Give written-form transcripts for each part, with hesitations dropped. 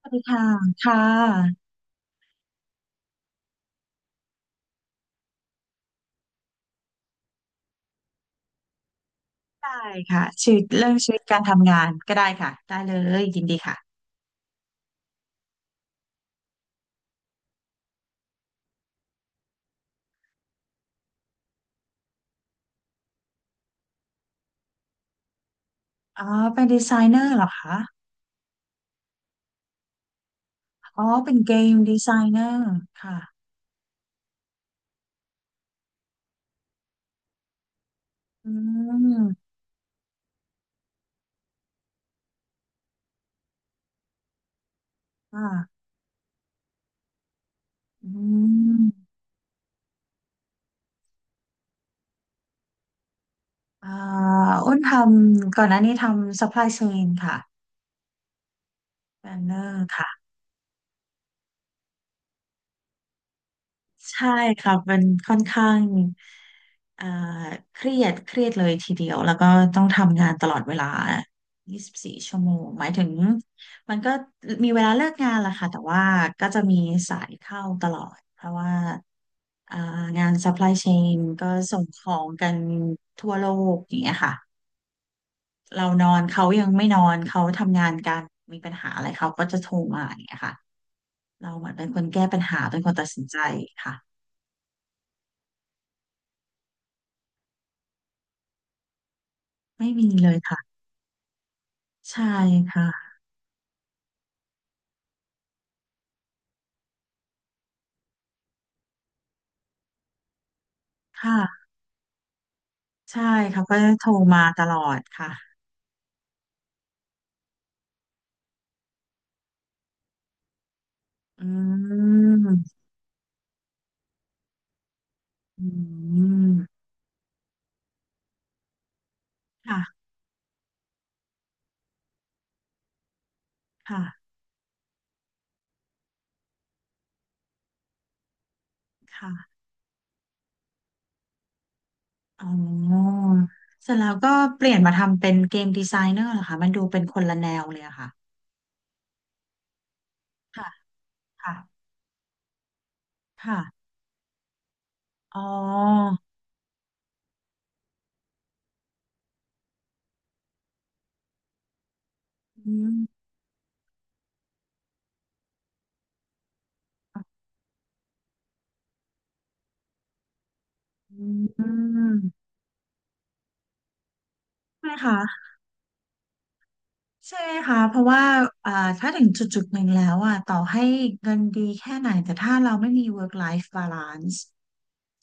สวัสดีค่ะค่ะได้ค่ะชีวิตเรื่องชีวิตการทำงานก็ได้ค่ะได้เลยยินดีค่ะอ๋อเป็นดีไซเนอร์เหรอคะอ๋อเป็นเกมดีไซเนอร์ค่ะอืมค่ะอืมอ่าอ้นทำก่อนหน้านี้ทำ supply chain ค่ะแบนเนอร์ค่ะ ใช่ครับมันค่อนข้างเอ่อเครียดเลยทีเดียวแล้วก็ต้องทำงานตลอดเวลา 24 ชั่วโมงหมายถึงมันก็มีเวลาเลิกงานแหละค่ะแต่ว่าก็จะมีสายเข้าตลอดเพราะว่าเอ่องาน supply chain ก็ส่งของกันทั่วโลกอย่างเงี้ยค่ะเรานอนเขายังไม่นอนเขาทำงานกันมีปัญหาอะไรเขาก็จะโทรมาอย่างเงี้ยค่ะเราเหมือนเป็นคนแก้ปัญหาเป็นคนตัดสินใจค่ะ ไม่มีเลยค่ะใช่ค่ะค่ะใช่เขาก็โทรมาตลอดค่ะอืมอืมค่ะค่ะค่ะอ๋อเสร็จแล้วก็เปลี่ยนมาทำเป็นเกมดีไซเนอร์เหรอคะมันดูเป็นคนละแนวเลยอะค่ะค่ะค่ะค่ะอ๋ออืมอืมใช่ไหมคะ ใช่ไหมคะเพราะว่าอ่าถ้าถึงจุดหนึ่งแล้วอ่ะต่อให้เงินดีแค่ไหนแต่ถ้าเราไม่มี work life balance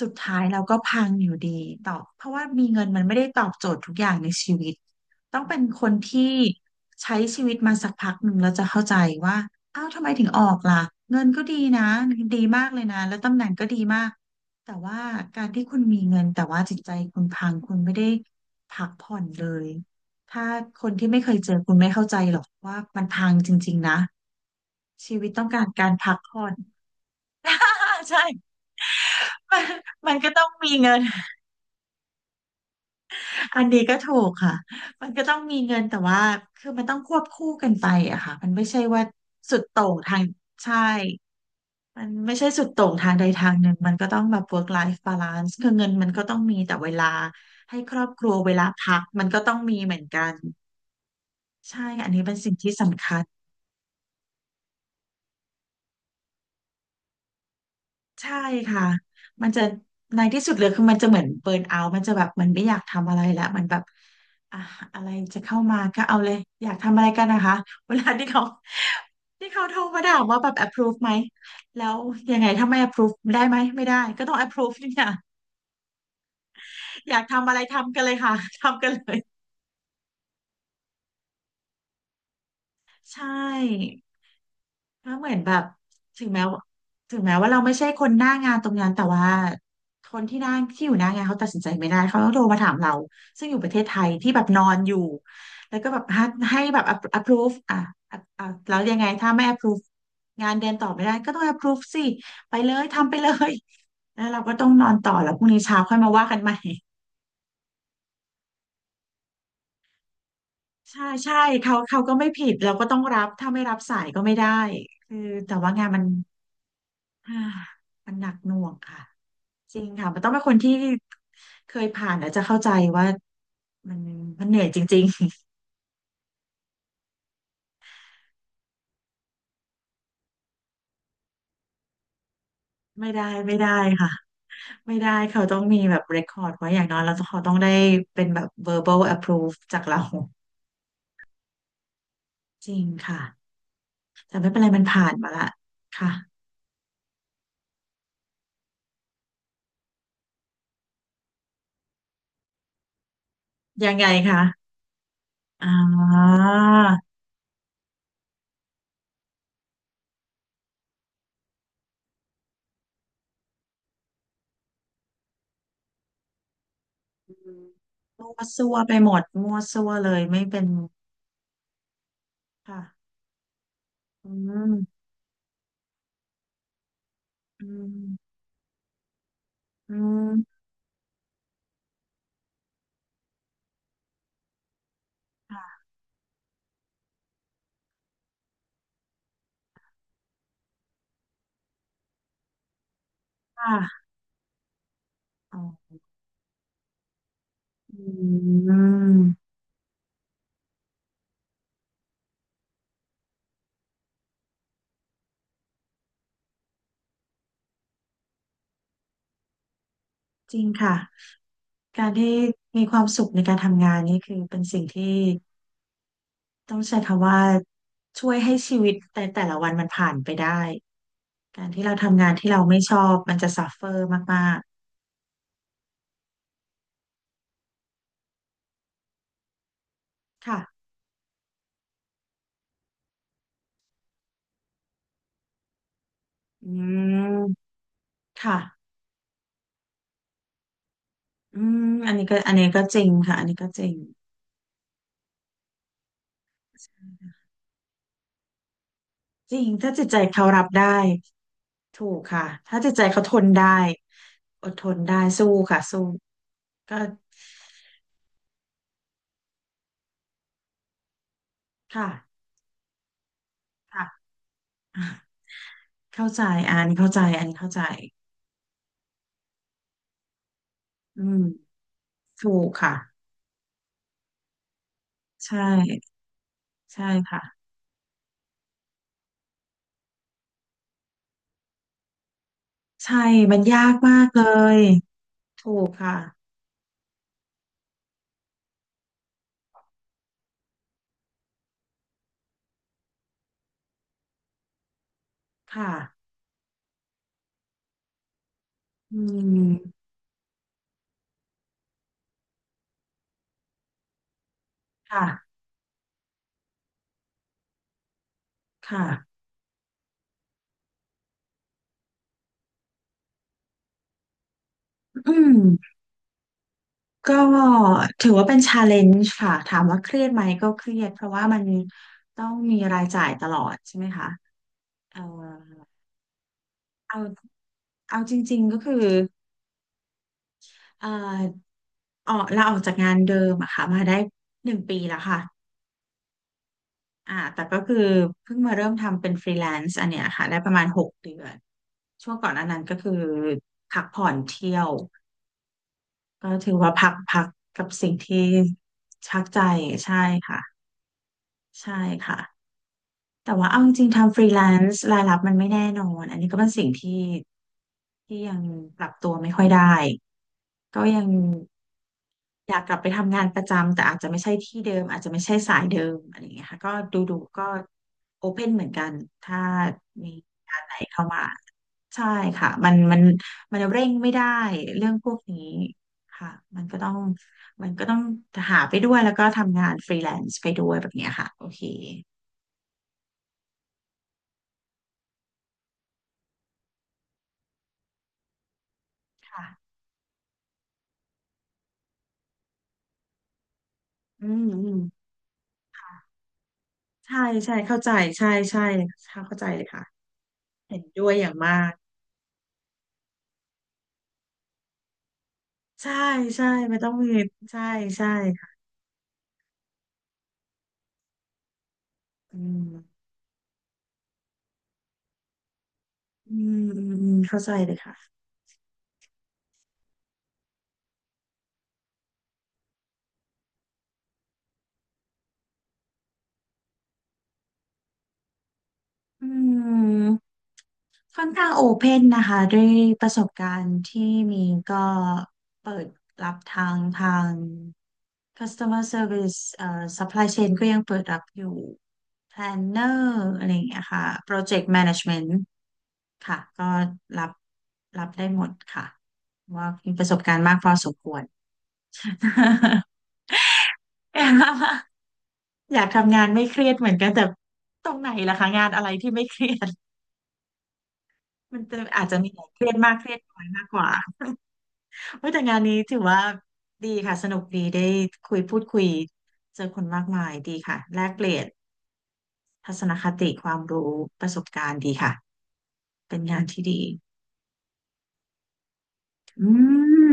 สุดท้ายเราก็พังอยู่ดีตอเพราะว่ามีเงินมันไม่ได้ตอบโจทย์ทุกอย่างในชีวิตต้องเป็นคนที่ใช้ชีวิตมาสักพักหนึ่งแล้วจะเข้าใจว่าอ้าวทำไมถึงออกล่ะเงินก็ดีนะดีมากเลยนะแล้วตำแหน่งก็ดีมากแต่ว่าการที่คุณมีเงินแต่ว่าจิตใจคุณพังคุณไม่ได้พักผ่อนเลย ถ้าคนที่ไม่เคยเจอคุณไม่เข้าใจหรอกว่ามันพังจริงๆนะชีวิตต้องการการพักผ่อน อ่าใช่ มันมันก็ต้องมีเงินอันนี้ก็ถูกค่ะมันก็ต้องมีเงินแต่ว่าคือมันต้องควบคู่กันไปอะค่ะมันไม่ใช่ว่าสุดโต่งทางใช่มันไม่ใช่สุดโต่งทางใดทางหนึ่งมันก็ต้องแบบ work life balance คือเงินมันก็ต้องมีแต่เวลาให้ครอบครัวเวลาพักมันก็ต้องมีเหมือนกันใช่อันนี้เป็นสิ่งที่สำคัญ ใช่ค่ะมันจะในที่สุดเลยคือมันจะเหมือนเบิร์นเอาท์มันจะแบบมันไม่อยากทำอะไรแล้วมันแบบอ่ะอะไรจะเข้ามาก็เอาเลยอยากทำอะไรกันนะคะ เวลาที่เขาโทรมาถามว่าแบบ approve ไหมแล้วยังไงถ้าไม่ approve ได้ไหมไม่ได้ก็ต้อง approve นี่ค่ะ อยากทำอะไรทำกันเลยค่ะ ทำกันเลยใช่ ถ้าเหมือนแบบถึงแม้ว่าถึงแม้ว่าเราไม่ใช่คนหน้างานตรงนั้นแต่ว่าคนที่หน้าที่อยู่หน้างานเขาตัดสินใจไม่ได้เขาต้องโทรมาถามเราซึ่งอยู่ประเทศไทยที่แบบนอนอยู่แล้วก็แบบให้แบบ a p p approve อ่ะอ่ะอ่ะแล้วยังไงถ้าไม่ approve งานเดินต่อไม่ได้ก็ต้อง approve สิไปเลยทำไปเลยแล้วเราก็ต้องนอนต่อแล้วพรุ่งนี้เช้าค่อยมาว่ากันใหม่ ใช่ใช่เขาก็ไม่ผิดเราก็ต้องรับถ้าไม่รับสายก็ไม่ได้คือแต่ว่างานมัน อ่ามันหนักหน่วงค่ะจริงค่ะมันต้องเป็นคนที่เคยผ่านแล้วจะเข้าใจว่ามันเหนื่อยจริงๆ ไม่ได้ไม่ได้ค่ะไม่ได้เขาต้องมีแบบ record ไว้อย่างน้อยแล้วเขาต้องได้เป็นแบบ verbal approve จากเราจริงค่ะแต่ไม่เป็นไรมันผ่านมาละค่ะยังไงคะอ่าอืมมั่วซั่วไปหมดมั่วซั่วเลยไม่เป็นค่ะอืมอืมอืมค่ะค่ะ อืมจริงค่ะการที่มีความสุขในการทำงานนี่คือเป็นสิ่งที่ต้องใช้คำว่าช่วยให้ชีวิตแต่แต่ละวันมันผ่านไปได้การที่เราทำงานที่เราไม่ชอบมันจะซัฟเฟอร์มากๆค่ะอืมค่ะอืมอันนี้ก็อันนี้ก็จริงค่ะอันนี้ก็จริงจริงถ้าจิตใจเขารับได้ถูกค่ะถ้าจิตใจเขาทนได้อดทนได้สู้ค่ะสู้ก็ค่ะค่ะ เข้าใจอันเข้าใจอันเข้าใจอืมถูกค่ะ ใช่ ใช่ค่ะ ใช่ มันยากมากเลย ถูกค่ะ ค่ะอืมค่ะ ค่ะอืมก็ถือว่าเป็นชาเลนจ์ค่ะ ถามว่าเครียดไหมก็เครียด เพราะว่ามันต้องมีรายจ่ายตลอดใช่ไหมคะ เอ่อเอาจริงๆก็คือเอ่อออกาออกจากงานเดิมอะค่ะมาได้1 ปีแล้วค่ะ แต่ก็คือเพิ่งมาเริ่มทำเป็นฟรีแลนซ์อันเนี้ยค่ะได้ประมาณ6 เดือนช่วงก่อนอันนั้นก็คือพักผ่อนเที่ยวก็ถือว่าพักพักกับสิ่งที่ชักใจใช่ค่ะใช่ค่ะ แต่ว่าเอาจริงๆทำฟรีแลนซ์รายรับมันไม่แน่นอนอันนี้ก็เป็นสิ่งที่ยังปรับตัวไม่ค่อยได้ก็ยังอยากกลับไปทำงานประจำแต่อาจจะไม่ใช่ที่เดิมอาจจะไม่ใช่สายเดิมอะไรอย่างเงี้ยค่ะก็ดูดูก็โอเพนเหมือนกันถ้ามีอะไรเข้ามาใช่ค่ะมันเร่งไม่ได้เรื่องพวกนี้ค่ะมันก็ต้องมันก็ต้องหาไปด้วยแล้วก็ทำงานฟรีแลนซ์ไปด้วยแบบเนี้ยค่ะโอเคค่ะอืม ใช่ใช่เข้าใจใช่ใช่เข้าใจเลยค่ะเห็นด้วยอย่างมากใช่ใช่ไม่ต้องมีใช่ใช่ค่ะอืมอืมอืมอืมเข้าใจเลยค่ะอืมค่อนข้างโอเพนนะคะด้วยประสบการณ์ที่มีก็เปิดรับทาง customer service supply chain ก็ยังเปิดรับอยู่ planner อะไรอย่างเงี้ยค่ะ project management ค่ะก็รับรับได้หมดค่ะว่ามีประสบการณ์มากพอสมควร อยากทำงานไม่เครียดเหมือนกันแต่ตรงไหนล่ะคะงานอะไรที่ไม่เครียดมันจะอาจจะมีหลายเครียดมากเครียดน้อยมากกว่า เฮ้ยแต่งานนี้ถือว่าดีค่ะสนุกดีได้คุยพูดคุยเจอคนมากมายดีค่ะแลกเปลี่ยน ทัศนคติความรู้ประสบการณ์ดีค่ะเป็นงานที่ดีอืม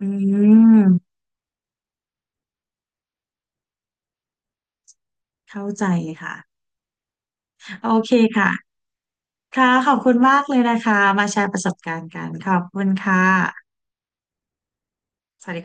อืมเข้าใจค่ะโอเคค่ะค่ะขอบคุณมากเลยนะคะมาแชร์ประสบการณ์กันขอบคุณค่ะสวัสดีค่ะ